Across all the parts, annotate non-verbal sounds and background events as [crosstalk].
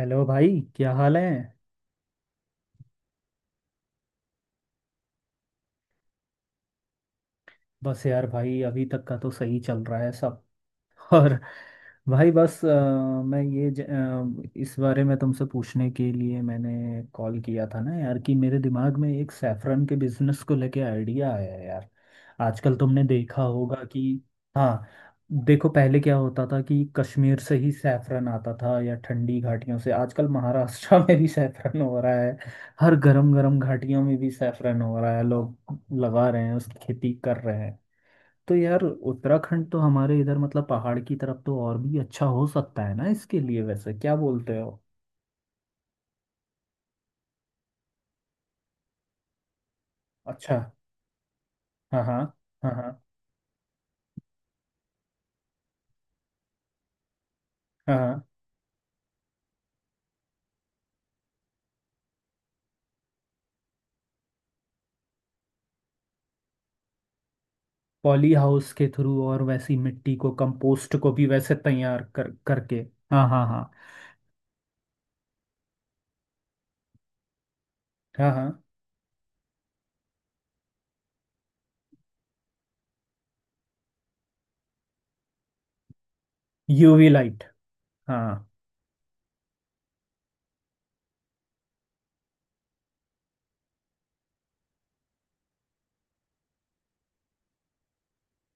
Hello भाई, क्या हाल है? बस यार भाई, अभी तक का तो सही चल रहा है सब। और भाई बस मैं ये इस बारे में तुमसे पूछने के लिए मैंने कॉल किया था ना यार, कि मेरे दिमाग में एक सैफरन के बिजनेस को लेके आइडिया आया है यार। आजकल तुमने देखा होगा कि। हाँ। देखो, पहले क्या होता था कि कश्मीर से ही सैफरन आता था, या ठंडी घाटियों से। आजकल महाराष्ट्र [laughs] में भी सैफरन हो रहा है। हर गरम गरम घाटियों में भी सैफरन हो रहा है। लोग लगा रहे हैं, उस खेती कर रहे हैं। तो यार, उत्तराखंड तो हमारे इधर मतलब पहाड़ की तरफ तो और भी अच्छा हो सकता है ना इसके लिए, वैसे क्या बोलते हो? अच्छा। हाँ, हाँ। हाँ, हाँ। हाँ, हाँ। पॉली हाउस के थ्रू, और वैसी मिट्टी को, कंपोस्ट को भी वैसे तैयार कर करके। हाँ, हाँ, हाँ। हाँ, हाँ। UV light. हाँ।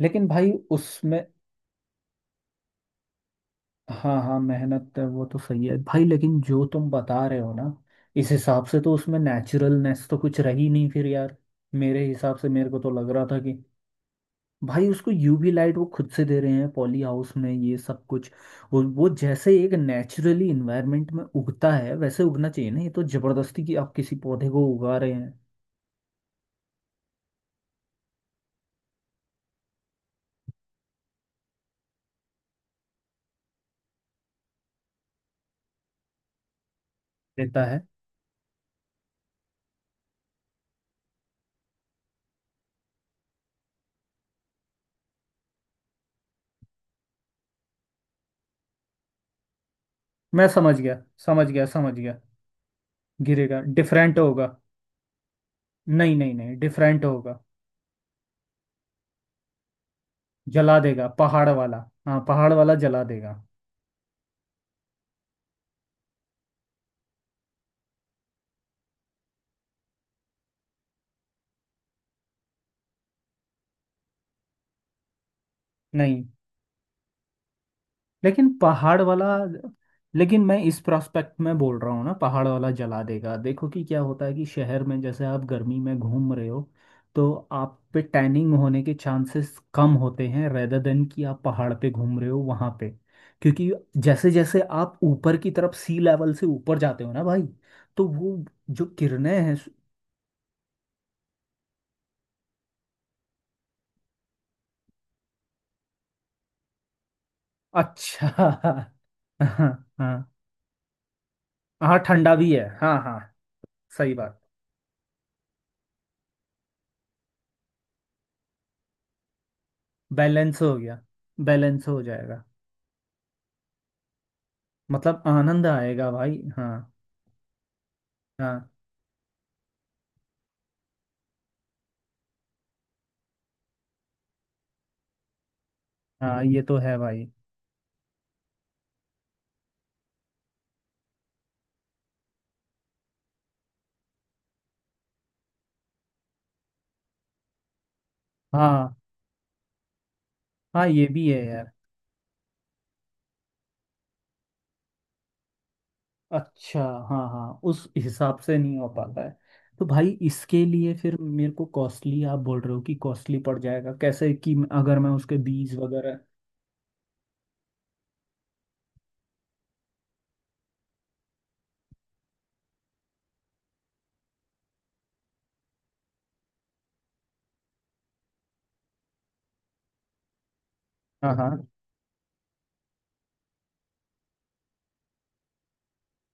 लेकिन भाई उसमें। हाँ, हाँ, मेहनत है, वो तो सही है भाई, लेकिन जो तुम बता रहे हो ना। इस हिसाब से तो उसमें नेचुरलनेस तो कुछ रही नहीं फिर यार। मेरे हिसाब से मेरे को तो लग रहा था कि। भाई, उसको यूवी लाइट वो खुद से दे रहे हैं, पॉली हाउस में, ये सब कुछ। वो जैसे एक नेचुरली इन्वायरमेंट में उगता है वैसे उगना चाहिए ना। ये तो जबरदस्ती की, आप किसी पौधे को उगा रहे हैं। देता है। मैं समझ गया, समझ गया, समझ गया। गिरेगा, डिफरेंट होगा। नहीं, नहीं, नहीं, डिफरेंट होगा। जला देगा पहाड़ वाला। हाँ, पहाड़ वाला जला देगा। नहीं। लेकिन पहाड़ वाला। लेकिन मैं इस प्रोस्पेक्ट में बोल रहा हूँ ना, पहाड़ वाला जला देगा। देखो कि क्या होता है, कि शहर में जैसे आप गर्मी में घूम रहे हो, तो आप पे टैनिंग होने के चांसेस कम होते हैं, रेदर देन कि आप पहाड़ पे घूम रहे हो वहाँ पे। क्योंकि जैसे जैसे आप ऊपर की तरफ सी लेवल से ऊपर जाते हो ना भाई, तो वो, जो किरणें हैं। अच्छा। [laughs] हाँ, हाँ। हाँ, ठंडा भी है। हाँ, हाँ। सही बात। बैलेंस हो गया। बैलेंस हो जाएगा। मतलब आनंद आएगा भाई। हाँ। हाँ। हाँ, ये तो है भाई। हाँ, हाँ, ये भी है यार। अच्छा। हाँ, हाँ, उस हिसाब से नहीं हो पाता है। तो भाई इसके लिए फिर, मेरे को कॉस्टली आप बोल रहे हो कि कॉस्टली पड़ जाएगा कैसे, कि अगर मैं उसके बीज वगैरह। हाँ, हाँ।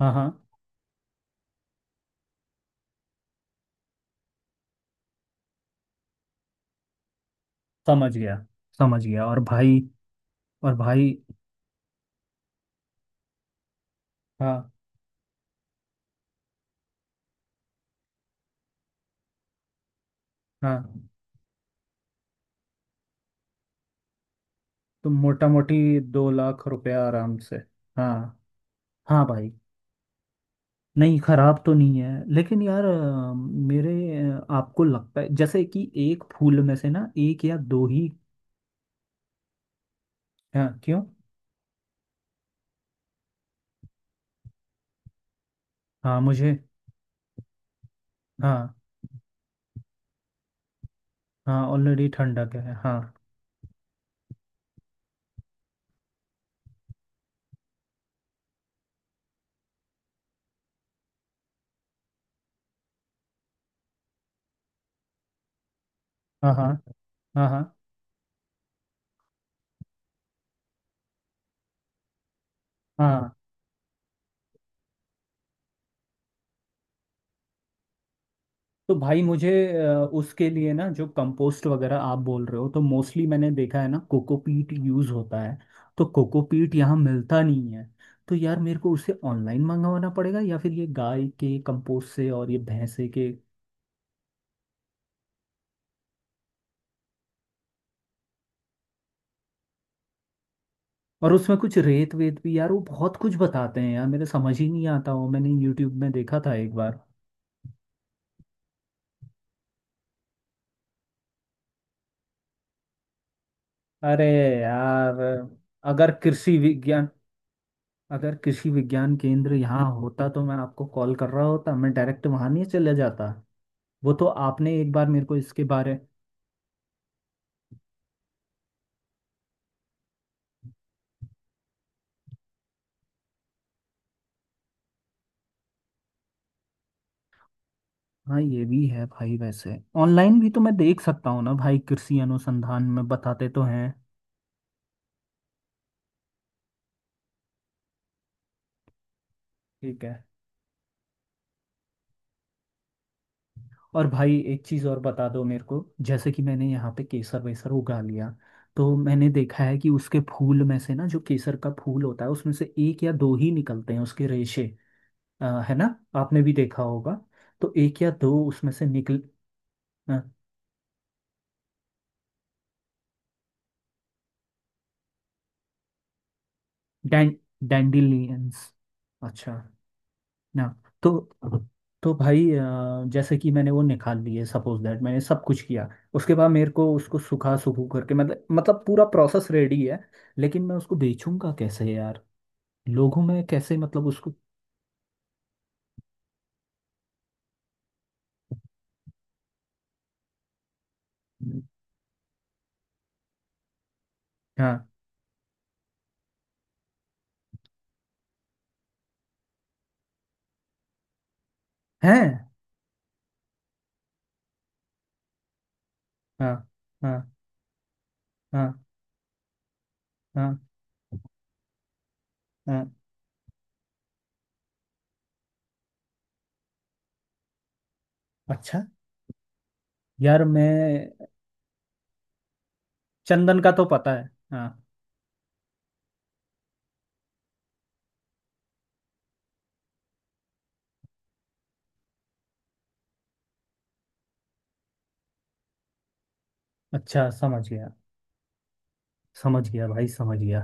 हाँ, हाँ। समझ गया, समझ गया। और भाई। और भाई। हाँ, हाँ। तो मोटा मोटी 2 लाख रुपया आराम से। हाँ। हाँ भाई। नहीं, खराब तो नहीं है, लेकिन यार मेरे। आपको लगता है जैसे कि एक फूल में से ना, एक या दो ही। हाँ, क्यों? हाँ, मुझे। हाँ, हाँ, ऑलरेडी ठंडक है। हाँ हाँ। हाँ, हाँ। हाँ, हाँ, हाँ। तो भाई मुझे, उसके लिए ना जो कंपोस्ट वगैरह आप बोल रहे हो, तो मोस्टली मैंने देखा है ना, कोकोपीट यूज़ होता है। तो कोकोपीट यहाँ मिलता नहीं है। तो यार मेरे को उसे ऑनलाइन मंगवाना पड़ेगा, या फिर ये गाय के कंपोस्ट से और ये भैंसे के। और उसमें कुछ रेत वेत भी, यार वो बहुत कुछ बताते हैं, यार मेरे समझ ही नहीं आता। वो मैंने यूट्यूब में देखा था एक बार। अरे यार, अगर कृषि विज्ञान अगर कृषि विज्ञान केंद्र यहाँ होता तो मैं आपको कॉल कर रहा होता, मैं डायरेक्ट वहाँ नहीं चले जाता? वो तो आपने एक बार मेरे को इसके बारे। हाँ, ये भी है भाई, वैसे ऑनलाइन भी तो मैं देख सकता हूँ ना भाई, कृषि अनुसंधान में बताते तो हैं। ठीक है। और भाई, एक चीज़ और बता दो मेरे को। जैसे कि मैंने यहाँ पे केसर वेसर उगा लिया, तो मैंने देखा है कि उसके फूल में से ना, जो केसर का फूल होता है उसमें से एक या दो ही निकलते हैं, उसके रेशे। है ना? आपने भी देखा होगा। तो एक या दो उसमें से निकल। डैंडिलियंस। अच्छा। ना। तो। तो भाई जैसे कि मैंने वो निकाल लिए, सपोज दैट मैंने सब कुछ किया। उसके बाद मेरे को उसको सुखा सुखू करके, मतलब पूरा प्रोसेस रेडी है। लेकिन मैं उसको बेचूंगा कैसे यार? लोगों में कैसे, मतलब उसको। हाँ, है। हाँ, हाँ, हाँ, हाँ, हाँ। अच्छा। यार मैं। चंदन का तो पता है, हाँ। अच्छा, समझ गया, समझ गया भाई, समझ गया।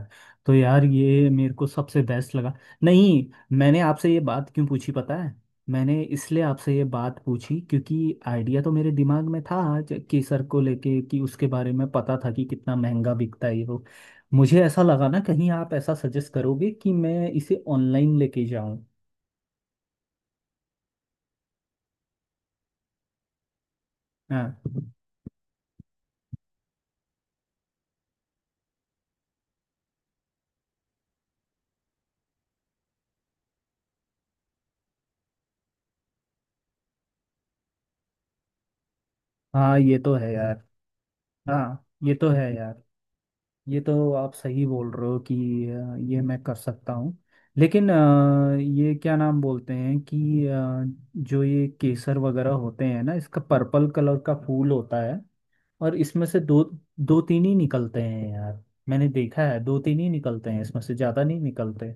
तो यार ये मेरे को सबसे बेस्ट लगा। नहीं। मैंने आपसे ये बात क्यों पूछी पता है? मैंने इसलिए आपसे ये बात पूछी, क्योंकि आइडिया तो मेरे दिमाग में था आज केसर को लेके, कि उसके बारे में पता था कि कितना महंगा बिकता है, ये वो। मुझे ऐसा लगा ना कहीं आप ऐसा सजेस्ट करोगे कि मैं इसे ऑनलाइन लेके जाऊं। हाँ, हाँ, ये तो है यार। हाँ, ये तो है यार। ये तो आप सही बोल रहे हो कि ये मैं कर सकता हूँ। लेकिन ये क्या नाम बोलते हैं, कि जो ये केसर वगैरह होते हैं ना, इसका पर्पल कलर का फूल होता है। और इसमें से दो, दो तीन ही निकलते हैं यार। मैंने देखा है, दो तीन ही निकलते हैं, इसमें से ज़्यादा नहीं निकलते।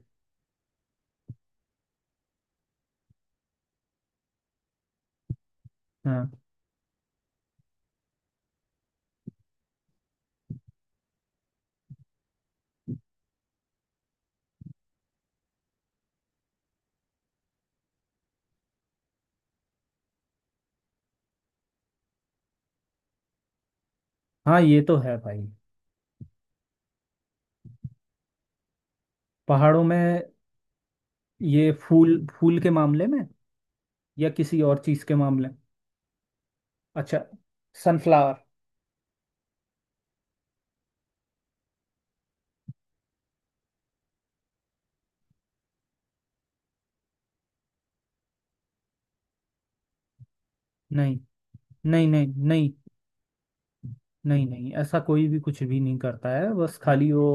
हाँ, हाँ, ये तो है भाई। पहाड़ों में? ये फूल फूल के मामले में, या किसी और चीज़ के मामले? अच्छा। सनफ्लावर। नहीं, नहीं, नहीं। नहीं, नहीं, नहीं, ऐसा कोई भी कुछ भी नहीं करता है। बस खाली वो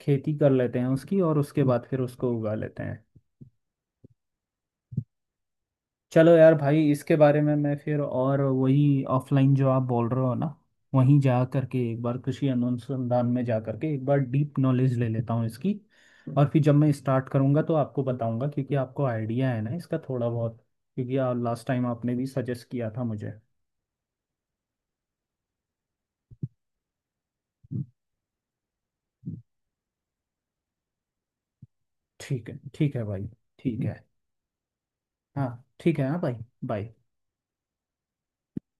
खेती कर लेते हैं उसकी, और उसके बाद फिर उसको उगा लेते हैं। चलो यार भाई, इसके बारे में मैं फिर, और वही ऑफलाइन जो आप बोल रहे हो ना, वहीं जा करके, एक बार कृषि अनुसंधान में जा करके एक बार डीप नॉलेज ले लेता हूँ इसकी। और फिर जब मैं स्टार्ट करूँगा तो आपको बताऊँगा, क्योंकि आपको आइडिया है ना इसका थोड़ा बहुत। क्योंकि आप लास्ट टाइम आपने भी सजेस्ट किया था मुझे। ठीक है, ठीक है भाई। ठीक है। हाँ, ठीक है। हाँ भाई। बाय।